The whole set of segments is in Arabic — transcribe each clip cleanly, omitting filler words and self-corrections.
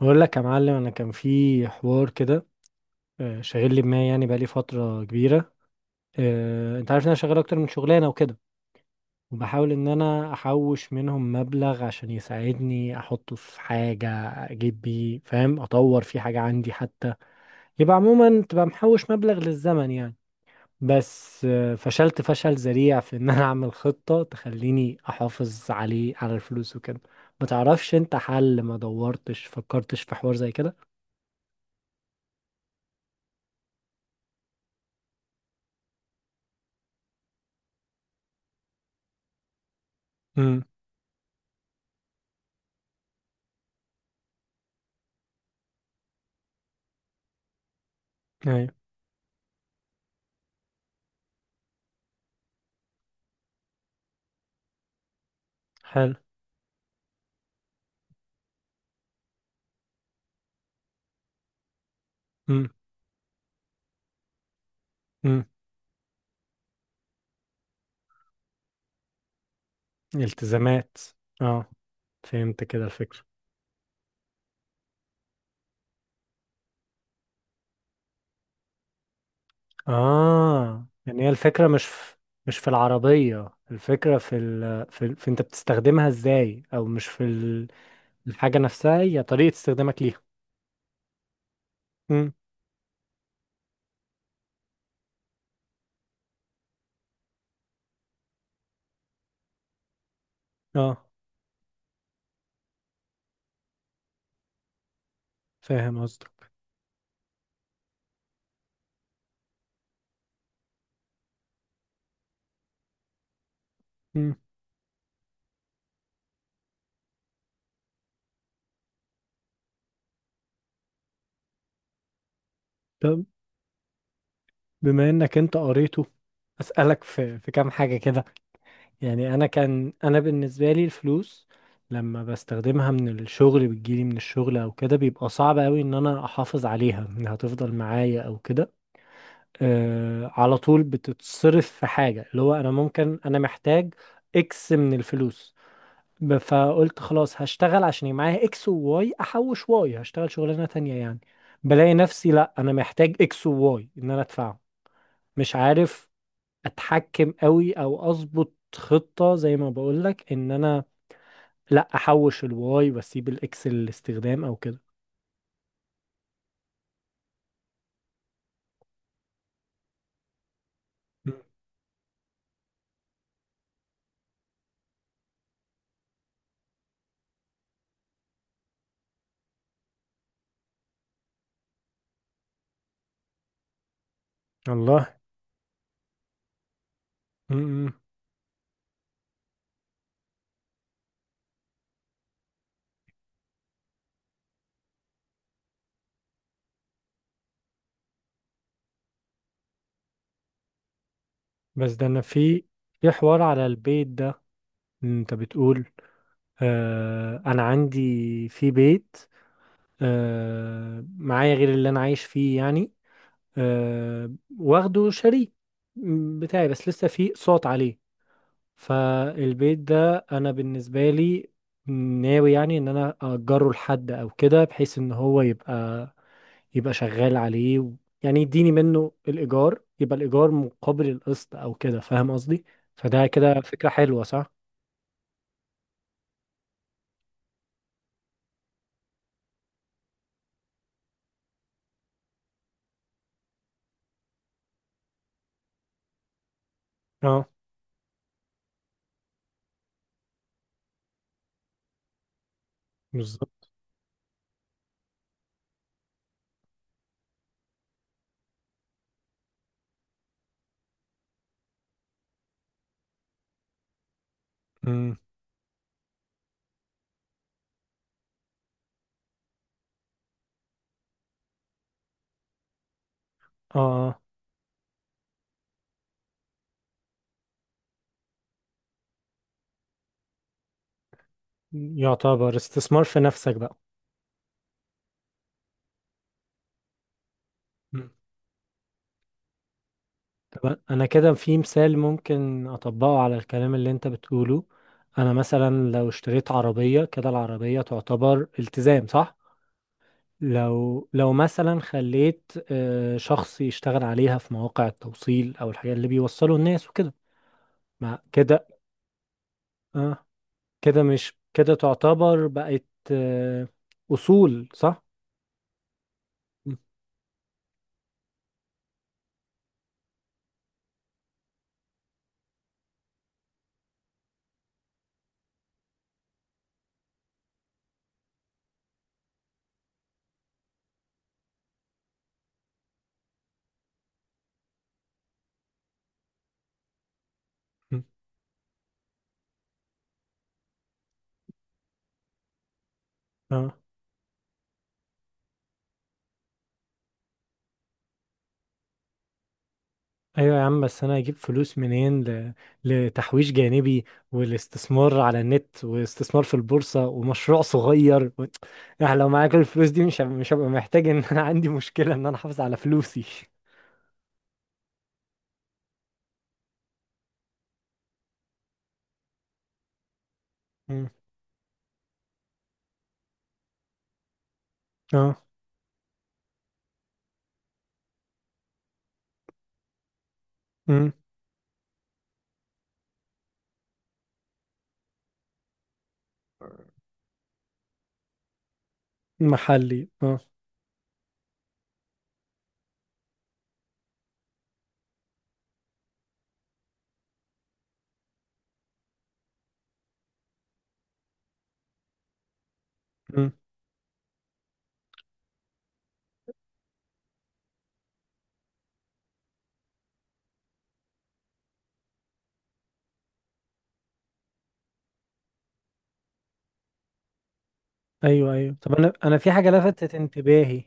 بقول لك يا معلم انا كان في حوار كده. شاغل لي دماغي يعني بقالي فتره كبيره. انت عارف ان انا شغال اكتر من شغلانه وكده، وبحاول ان انا احوش منهم مبلغ عشان يساعدني احطه في حاجه اجيب بيه، فاهم؟ اطور في حاجه عندي حتى. يبقى عموما تبقى محوش مبلغ للزمن يعني. بس فشلت فشل ذريع في ان انا اعمل خطه تخليني احافظ عليه على الفلوس وكده. ما تعرفش انت حل؟ ما دورتش فكرتش في حوار زي كده؟ امم. ايوه. حلو. مم. مم. التزامات. اه. فهمت كده الفكرة. اه يعني هي الفكرة مش في، مش في العربية، الفكرة في انت بتستخدمها ازاي، او مش في ال... الحاجة نفسها، هي طريقة استخدامك ليها. مم. اه. فاهم قصدك. مم. طب بما انك انت قريته، اسألك في كام حاجة كده. يعني انا كان انا بالنسبه لي الفلوس لما بستخدمها من الشغل، بتجيلي من الشغل او كده، بيبقى صعب قوي ان انا احافظ عليها انها تفضل معايا او كده. آه، على طول بتتصرف في حاجه، اللي هو انا ممكن انا محتاج اكس من الفلوس. فقلت خلاص هشتغل عشان يبقى معايا اكس وواي، احوش واي، هشتغل شغلانه تانية يعني. بلاقي نفسي لا انا محتاج اكس وواي ان انا ادفعه. مش عارف اتحكم قوي او اظبط خطة زي ما بقولك ان انا لا احوش الواي واسيب الاكس للاستخدام او كده. مم. الله. مم. بس ده انا في، في حوار على البيت ده. انت بتقول، آه انا عندي في بيت، آه معايا غير اللي انا عايش فيه يعني، آه، واخده شريك بتاعي، بس لسه في اقساط عليه. فالبيت ده انا بالنسبه لي ناوي يعني ان انا اجره لحد او كده، بحيث ان هو يبقى شغال عليه و... يعني يديني منه الايجار، يبقى الايجار مقابل القسط او كده، فاهم قصدي؟ فده كده فكره حلوه صح؟ اه. بالظبط. أمم. اه. آه. يعتبر استثمار في نفسك بقى. أمم. طب انا كده في مثال ممكن اطبقه على الكلام اللي انت بتقوله. انا مثلا لو اشتريت عربيه كده، العربيه تعتبر التزام صح؟ لو مثلا خليت شخص يشتغل عليها في مواقع التوصيل او الحاجات اللي بيوصلوا الناس وكده، ما كده؟ اه، كده مش كده تعتبر بقت آه، اصول صح؟ م- م- اه. ايوه يا عم، بس انا هجيب فلوس منين ل... لتحويش جانبي، والاستثمار على النت، واستثمار في البورصة، ومشروع صغير و... يعني لو معاك الفلوس دي مش هبقى محتاج ان انا عندي مشكلة ان انا احافظ على فلوسي. م. اه، محلي اه. مم. ايوه ايوه. طب انا انا في حاجه لفتت انتباهي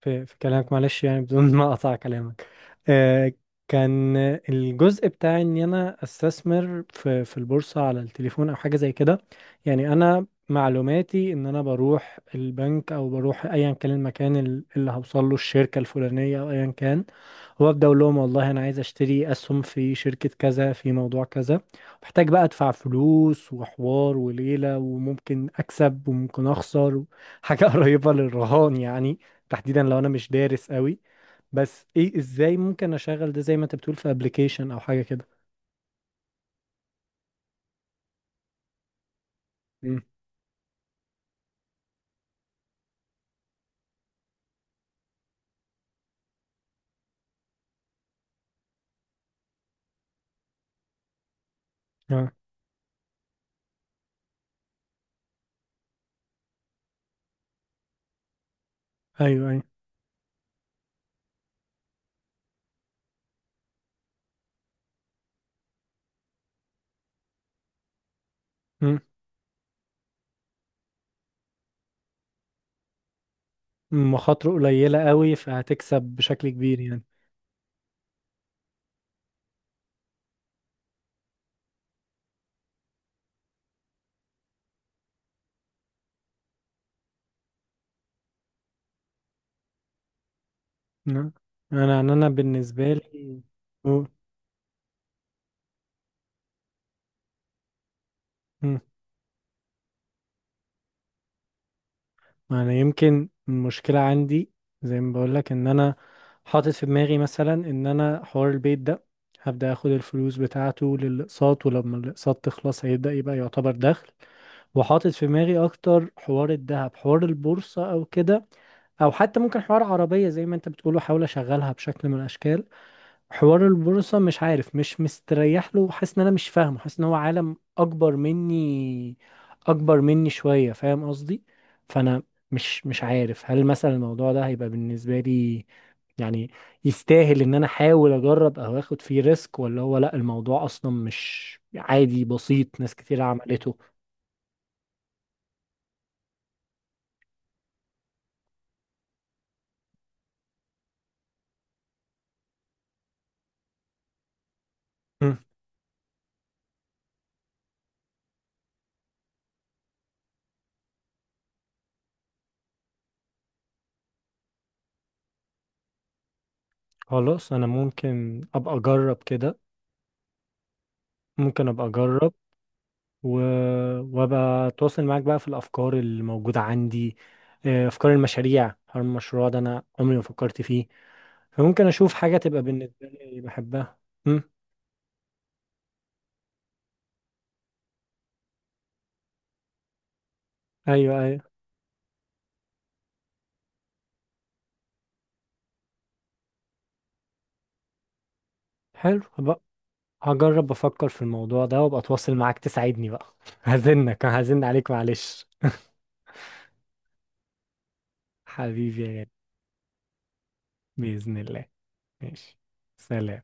في كلامك، معلش يعني بدون ما اقطع كلامك، آه، كان الجزء بتاع ان انا استثمر في البورصة على التليفون او حاجة زي كده. يعني انا معلوماتي ان انا بروح البنك، او بروح ايا كان المكان اللي هوصل له الشركة الفلانية او ايا كان، وابدا اقول لهم والله انا عايز اشتري اسهم في شركة كذا في موضوع كذا. محتاج بقى ادفع فلوس وحوار وليلة، وممكن اكسب وممكن اخسر، حاجة قريبة للرهان يعني، تحديدا لو انا مش دارس قوي. بس ايه ازاي ممكن اشغل ده زي ما انت بتقول في ابلكيشن او حاجه كده؟ امم. اه. ايوه ايوه. امم. مخاطره قليله قوي فهتكسب بشكل كبير يعني. نعم. انا انا أنا بالنسبه لي. أوه. مم. انا يمكن المشكله عندي، زي ما بقول لك ان انا حاطط في دماغي مثلا ان انا حوار البيت ده هبدا اخد الفلوس بتاعته للاقساط، ولما الاقساط تخلص هيبدا يبقى يعتبر دخل. وحاطط في دماغي اكتر حوار الذهب، حوار البورصة او كده، او حتى ممكن حوار عربية زي ما انت بتقول وحاول اشغلها بشكل من الاشكال. حوار البورصة مش عارف، مش مستريح له، حاسس ان انا مش فاهمه، حاسس ان هو عالم اكبر مني، اكبر مني شوية، فاهم قصدي؟ فانا مش عارف هل مثلا الموضوع ده هيبقى بالنسبة لي يعني يستاهل ان انا احاول اجرب او اخد فيه ريسك، ولا هو لا، الموضوع اصلا مش عادي، بسيط، ناس كتير عملته. خلاص انا ممكن ابقى اجرب كده، ممكن ابقى اجرب و... وابقى اتواصل معاك بقى في الافكار اللي موجوده عندي. افكار المشاريع، هل المشروع ده انا عمري ما فكرت فيه، فممكن اشوف حاجه تبقى بالنسبه لي بحبها. امم. ايوه ايوه. حلو بقى. هجرب افكر في الموضوع ده وابقى اتواصل معاك تساعدني بقى هزنك، هزن عليك معلش. حبيبي يا غالي. باذن الله. ماشي. سلام.